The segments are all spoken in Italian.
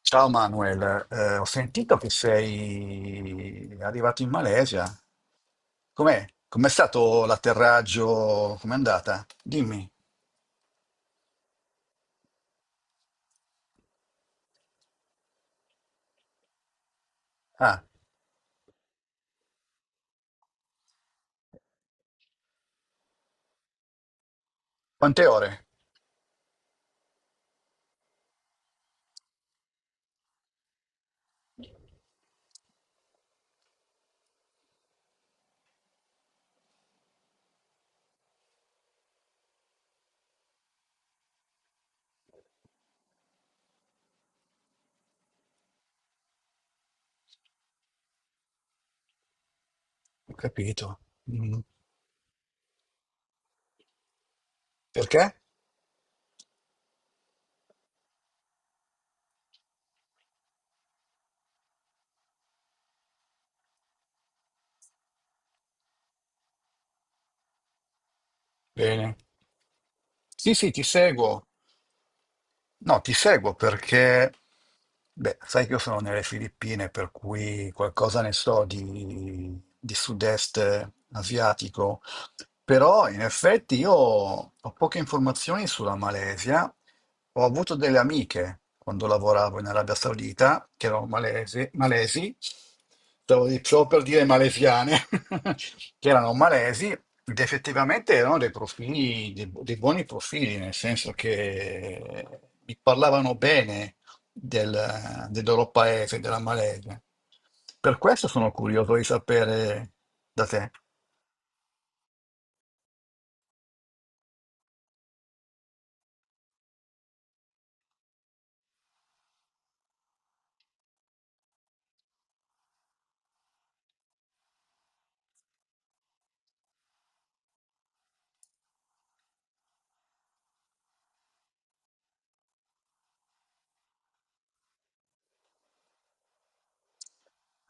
Ciao Manuel, ho sentito che sei arrivato in Malesia. Com'è? Com'è stato l'atterraggio? Com'è andata? Dimmi. Ah, quante ore? Ho capito. Mm. Perché? Bene. Sì, sì, ti seguo. No, ti seguo perché, beh, sai che io sono nelle Filippine, per cui qualcosa ne so di sud-est asiatico, però in effetti io ho poche informazioni sulla Malesia. Ho avuto delle amiche quando lavoravo in Arabia Saudita, che erano malesi, malesi, stavo per dire malesiane, che erano malesi, ed effettivamente erano dei profili, dei buoni profili, nel senso che mi parlavano bene del loro paese, della Malesia. Per questo sono curioso di sapere da te.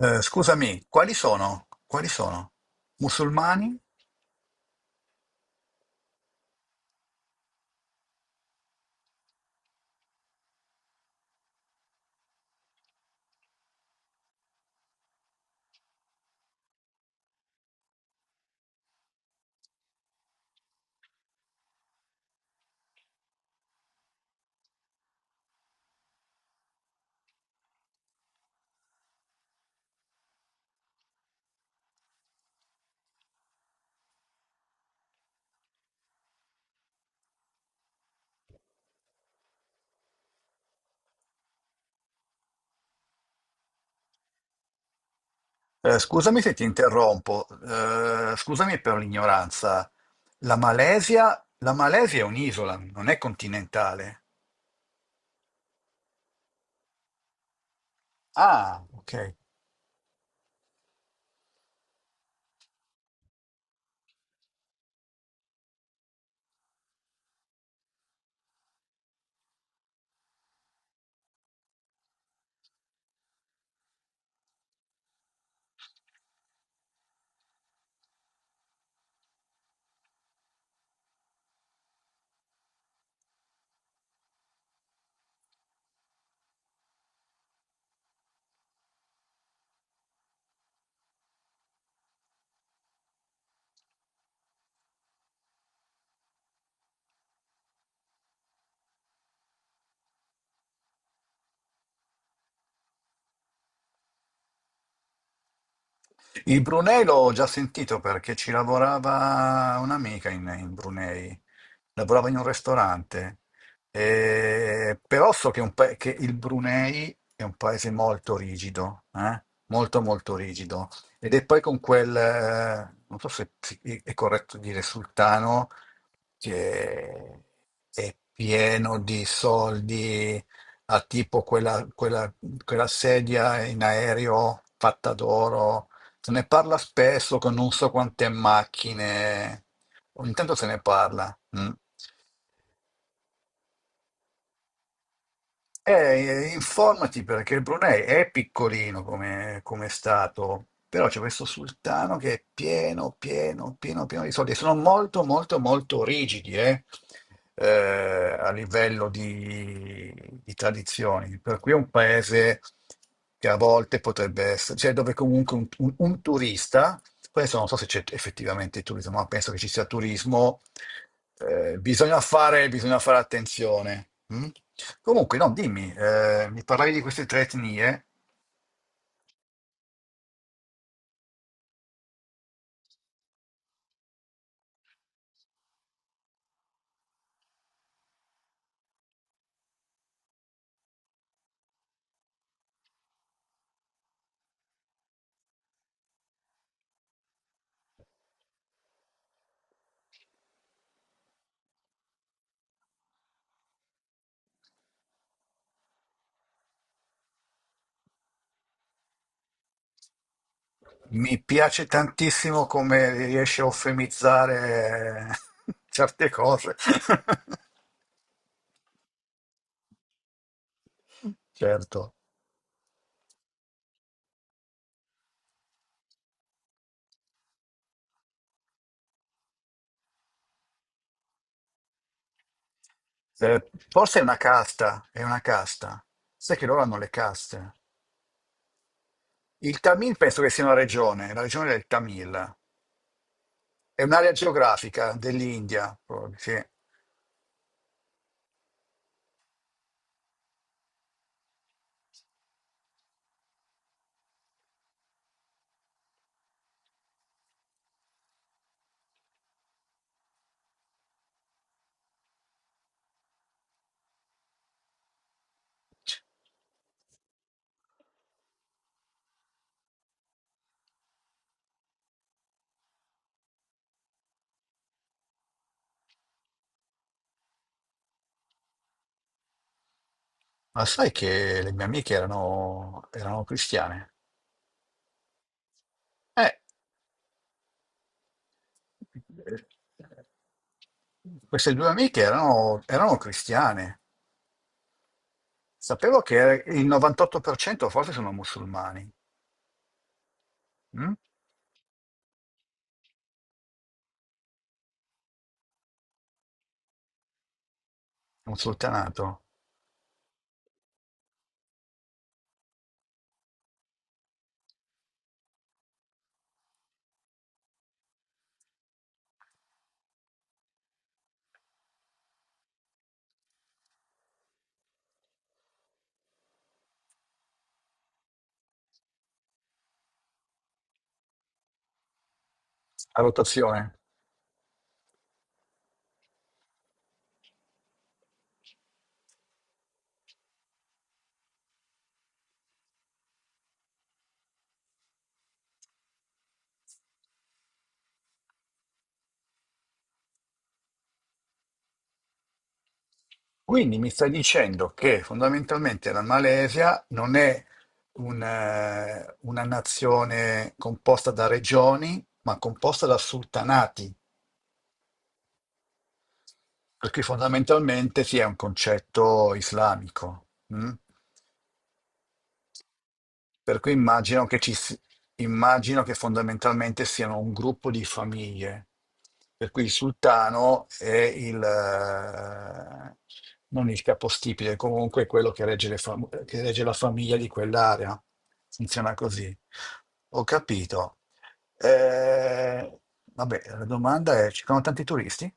Scusami, quali sono? Quali sono? Musulmani? Scusami se ti interrompo, scusami per l'ignoranza. La Malesia è un'isola, non è continentale. Ah, ok. Il Brunei l'ho già sentito perché ci lavorava un'amica in Brunei, lavorava in un ristorante. E però so che, che il Brunei è un paese molto rigido, eh? Molto molto rigido, ed è poi con quel, non so se è corretto dire sultano, che è pieno di soldi, ha tipo quella sedia in aereo fatta d'oro, se ne parla spesso con non so quante macchine, ogni tanto se ne parla. Mm. E, informati perché il Brunei è piccolino come, come stato, però c'è questo sultano che è pieno, pieno, pieno, pieno di soldi. Sono molto, molto, molto rigidi, a livello di tradizioni. Per cui è un paese che a volte potrebbe essere, cioè dove comunque un turista. Questo non so se c'è effettivamente il turismo, ma penso che ci sia turismo. Bisogna fare attenzione. Mm? Comunque, no, dimmi, mi parlavi di queste tre etnie. Mi piace tantissimo come riesci a eufemizzare certe cose. Certo. Forse è una casta, è una casta. Sai che loro hanno le caste. Il Tamil penso che sia una regione, la regione del Tamil. È un'area geografica dell'India, proprio, sì. Ma sai che le mie amiche erano, erano cristiane? Eh, queste due amiche erano, erano cristiane. Sapevo che il 98% forse sono musulmani, mm? Un sultanato a rotazione. Quindi mi stai dicendo che fondamentalmente la Malesia non è un, una nazione composta da regioni, ma composta da sultanati. Perché fondamentalmente sì, è un concetto islamico, mm? Per cui immagino che, immagino che fondamentalmente siano un gruppo di famiglie, per cui il sultano è il, non il capostipite, comunque quello che regge, che regge la famiglia di quell'area. Funziona così. Ho capito. Eh, vabbè, la domanda è, ci sono tanti turisti?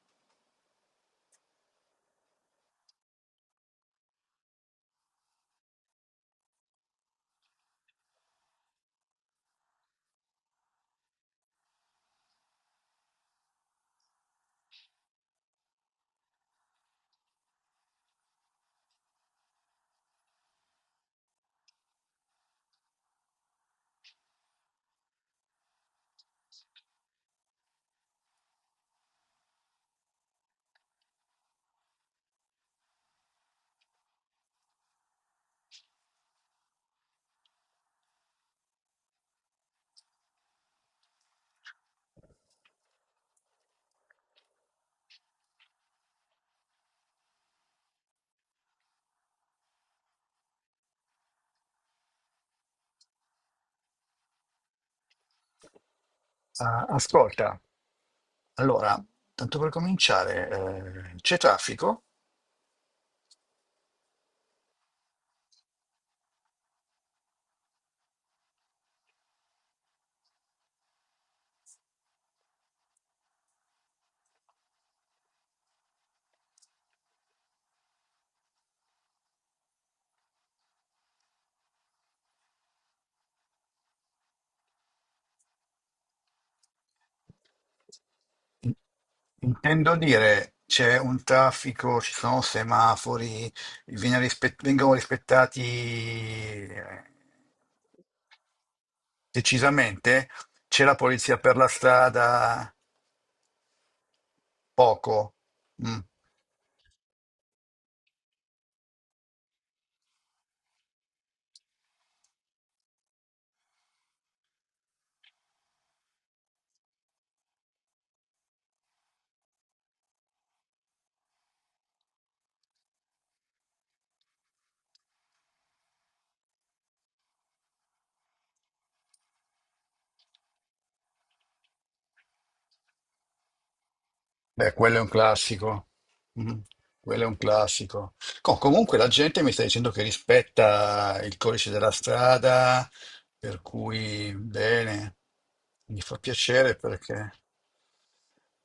Ah, ascolta, allora, tanto per cominciare, c'è traffico? In- Intendo dire, c'è un traffico, ci sono semafori, vengono rispettati decisamente? C'è la polizia per la strada? Poco. Mm. Beh, quello è un classico. Mhm. Quello è un classico. Comunque la gente mi sta dicendo che rispetta il codice della strada, per cui bene, mi fa piacere perché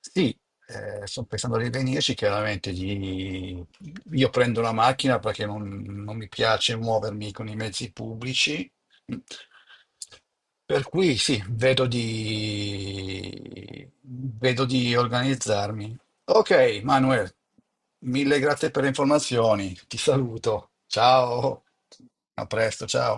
sì, sto pensando di venirci, chiaramente io prendo la macchina perché non mi piace muovermi con i mezzi pubblici per cui sì, vedo di organizzarmi. Ok, Manuel, mille grazie per le informazioni. Ti saluto. Ciao. A presto, ciao.